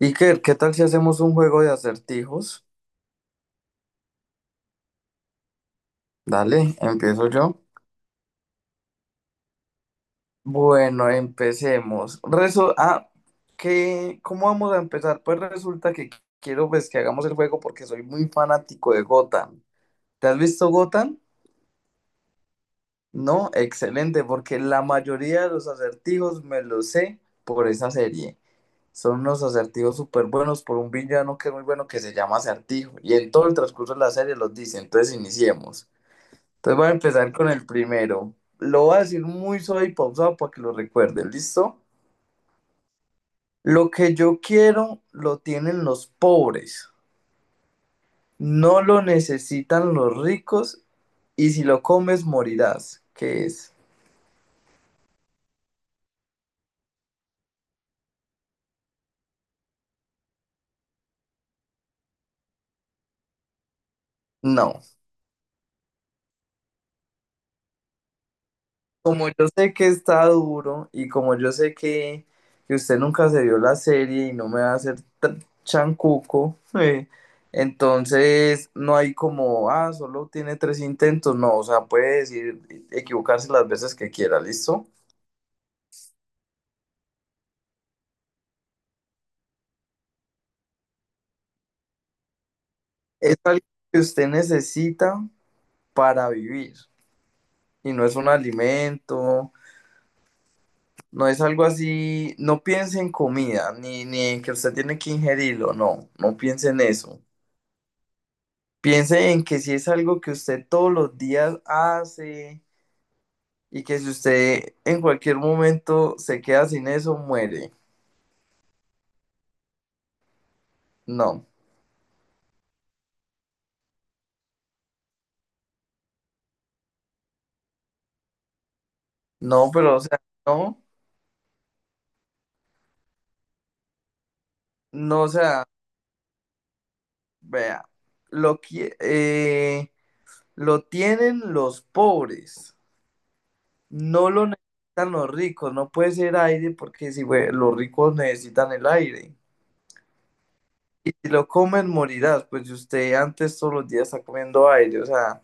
Iker, ¿qué tal si hacemos un juego de acertijos? Dale, empiezo yo. Bueno, empecemos. ¿Qué, cómo vamos a empezar? Pues resulta que quiero pues, que hagamos el juego porque soy muy fanático de Gotham. ¿Te has visto Gotham? No, excelente, porque la mayoría de los acertijos me los sé por esa serie. Son unos acertijos súper buenos por un villano que es muy bueno que se llama Acertijo. Y en todo el transcurso de la serie los dice. Entonces iniciemos. Entonces voy a empezar con el primero. Lo voy a decir muy suave y pausado para que lo recuerden, ¿listo? Lo que yo quiero lo tienen los pobres, no lo necesitan los ricos y si lo comes morirás. ¿Qué es? No. Como yo sé que está duro y como yo sé que usted nunca se vio la serie y no me va a hacer tan chancuco, entonces no hay como, solo tiene tres intentos, no, o sea, puede decir, equivocarse las veces que quiera, ¿listo? Es algo que usted necesita para vivir y no es un alimento, no es algo así, no piense en comida, ni en que usted tiene que ingerirlo, no, no piense en eso. Piense en que si es algo que usted todos los días hace y que si usted en cualquier momento se queda sin eso, muere. No, no, pero o sea, no, no, o sea, vea, lo, qui- eh, lo tienen los pobres, no lo necesitan los ricos, no puede ser aire porque si güey, los ricos necesitan el aire. Y si lo comen, morirás, pues si usted antes todos los días está comiendo aire, o sea.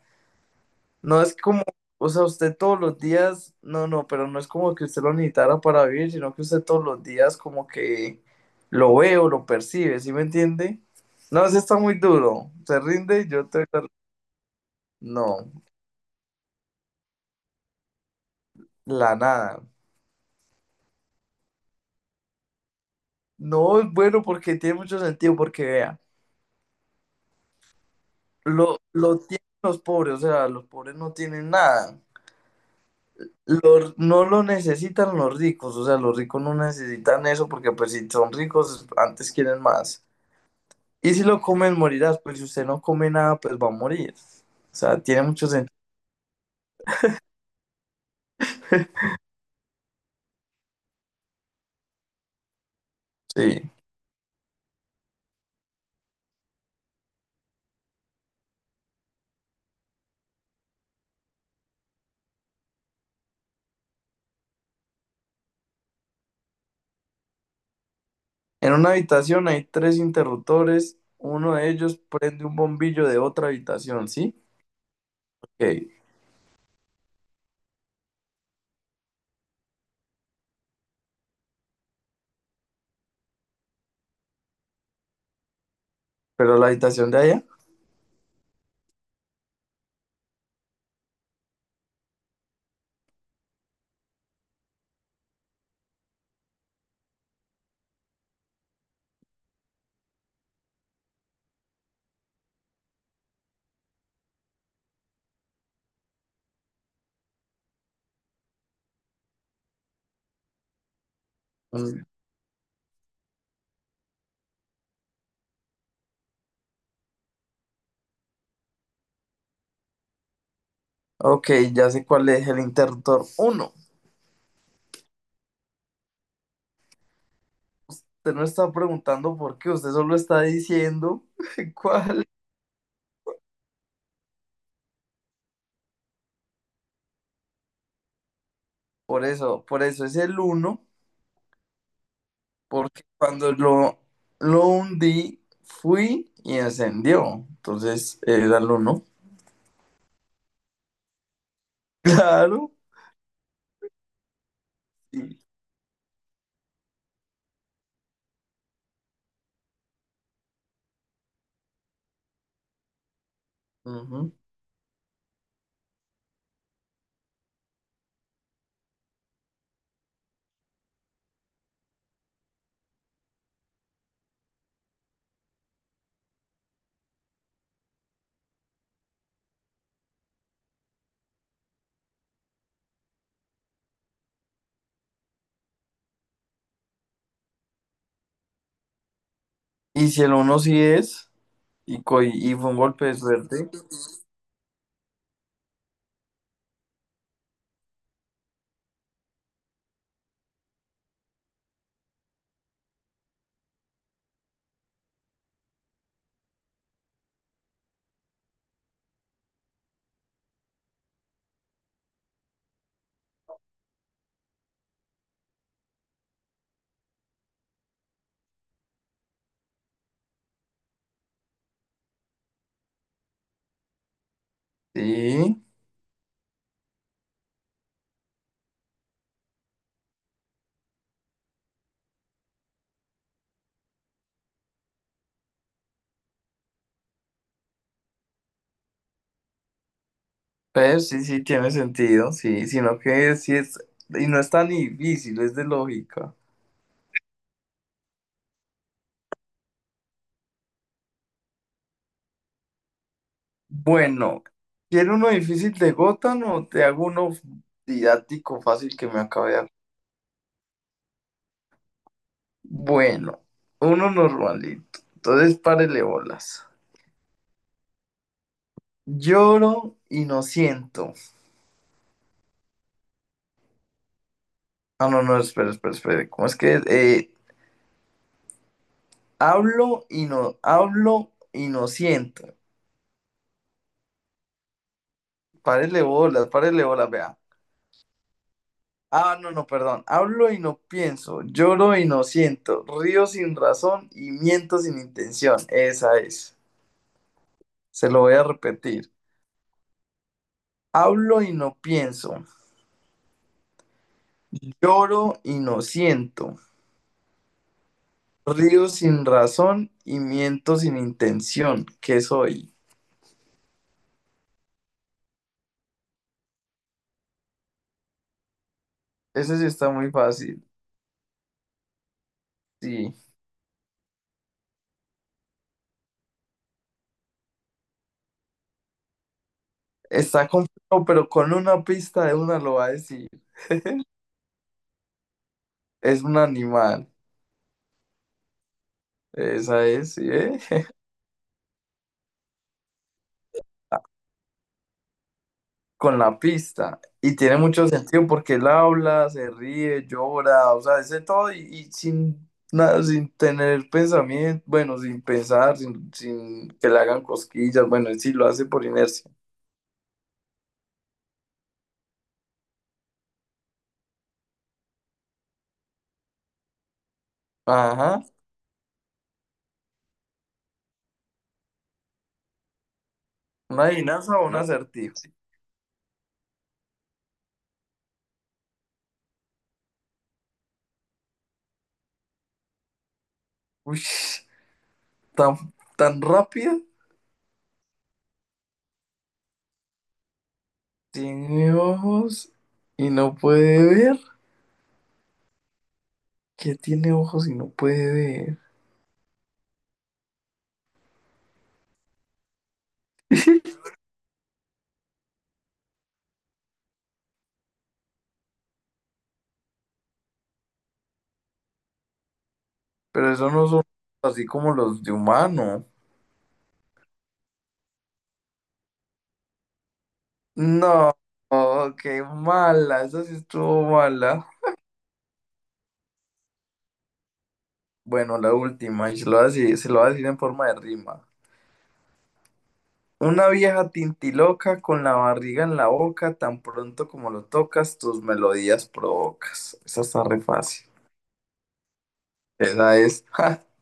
No es como, o sea, usted todos los días, no, no, pero no es como que usted lo necesitara para vivir, sino que usted todos los días como que lo ve o lo percibe, ¿sí me entiende? No, eso está muy duro. Se rinde y yo te... No, la nada. No es bueno porque tiene mucho sentido, porque vea, lo tienen los pobres, o sea, los pobres no tienen nada. Los- no lo necesitan los ricos, o sea, los ricos no necesitan eso porque pues si son ricos, antes quieren más. Y si lo comes, morirás. Pues si usted no come nada, pues va a morir. O sea, tiene mucho sentido. Sí. En una habitación hay tres interruptores. Uno de ellos prende un bombillo de otra habitación, ¿sí? Ok. Pero la habitación de allá. Mm. Ok, ya sé cuál es el interruptor uno. Usted no está preguntando por qué, usted solo está diciendo cuál. Por eso es el uno. Porque cuando lo hundí, fui y ascendió. Entonces era el uno. Claro. y Ujú. Y si el uno sí es, y fue un golpe de suerte. Sí. Pero sí, sí, tiene sentido. Sí, sino que sí es. Y no es tan difícil, es de lógica. Bueno, quiero uno difícil de Gotham o te hago uno didáctico fácil que me acabe de. Bueno, uno normalito. Entonces, párele bolas. Lloro y no siento. Ah, no, no, espera, espera, espera. ¿Cómo es que es? Hablo y no siento. Párele bolas, vea. Ah, no, no, perdón. Hablo y no pienso, lloro y no siento, río sin razón y miento sin intención. Esa es. Se lo voy a repetir. Hablo y no pienso, lloro y no siento, río sin razón y miento sin intención. ¿Qué soy? Ese sí está muy fácil. Sí. Está complejo, pero con una pista de una lo va a decir. Es un animal. Esa es, ¿sí? ¿Eh? Con la pista. Y tiene mucho sentido porque él habla, se ríe, llora, o sea, dice todo y sin nada, sin tener pensamiento, bueno, sin pensar, sin que le hagan cosquillas, bueno, y sí lo hace por inercia. Ajá. Una adivinanza o un acertijo. Uy, tan, tan rápida. Tiene ojos y no puede ver. Que tiene ojos y no puede ver. Pero eso no son así como los de humano. No, oh, qué mala, esa sí estuvo mala. Bueno, la última, y se lo voy a decir, se lo voy a decir en forma de rima. Una vieja tintiloca con la barriga en la boca, tan pronto como lo tocas, tus melodías provocas. Esa está re fácil. Esa es.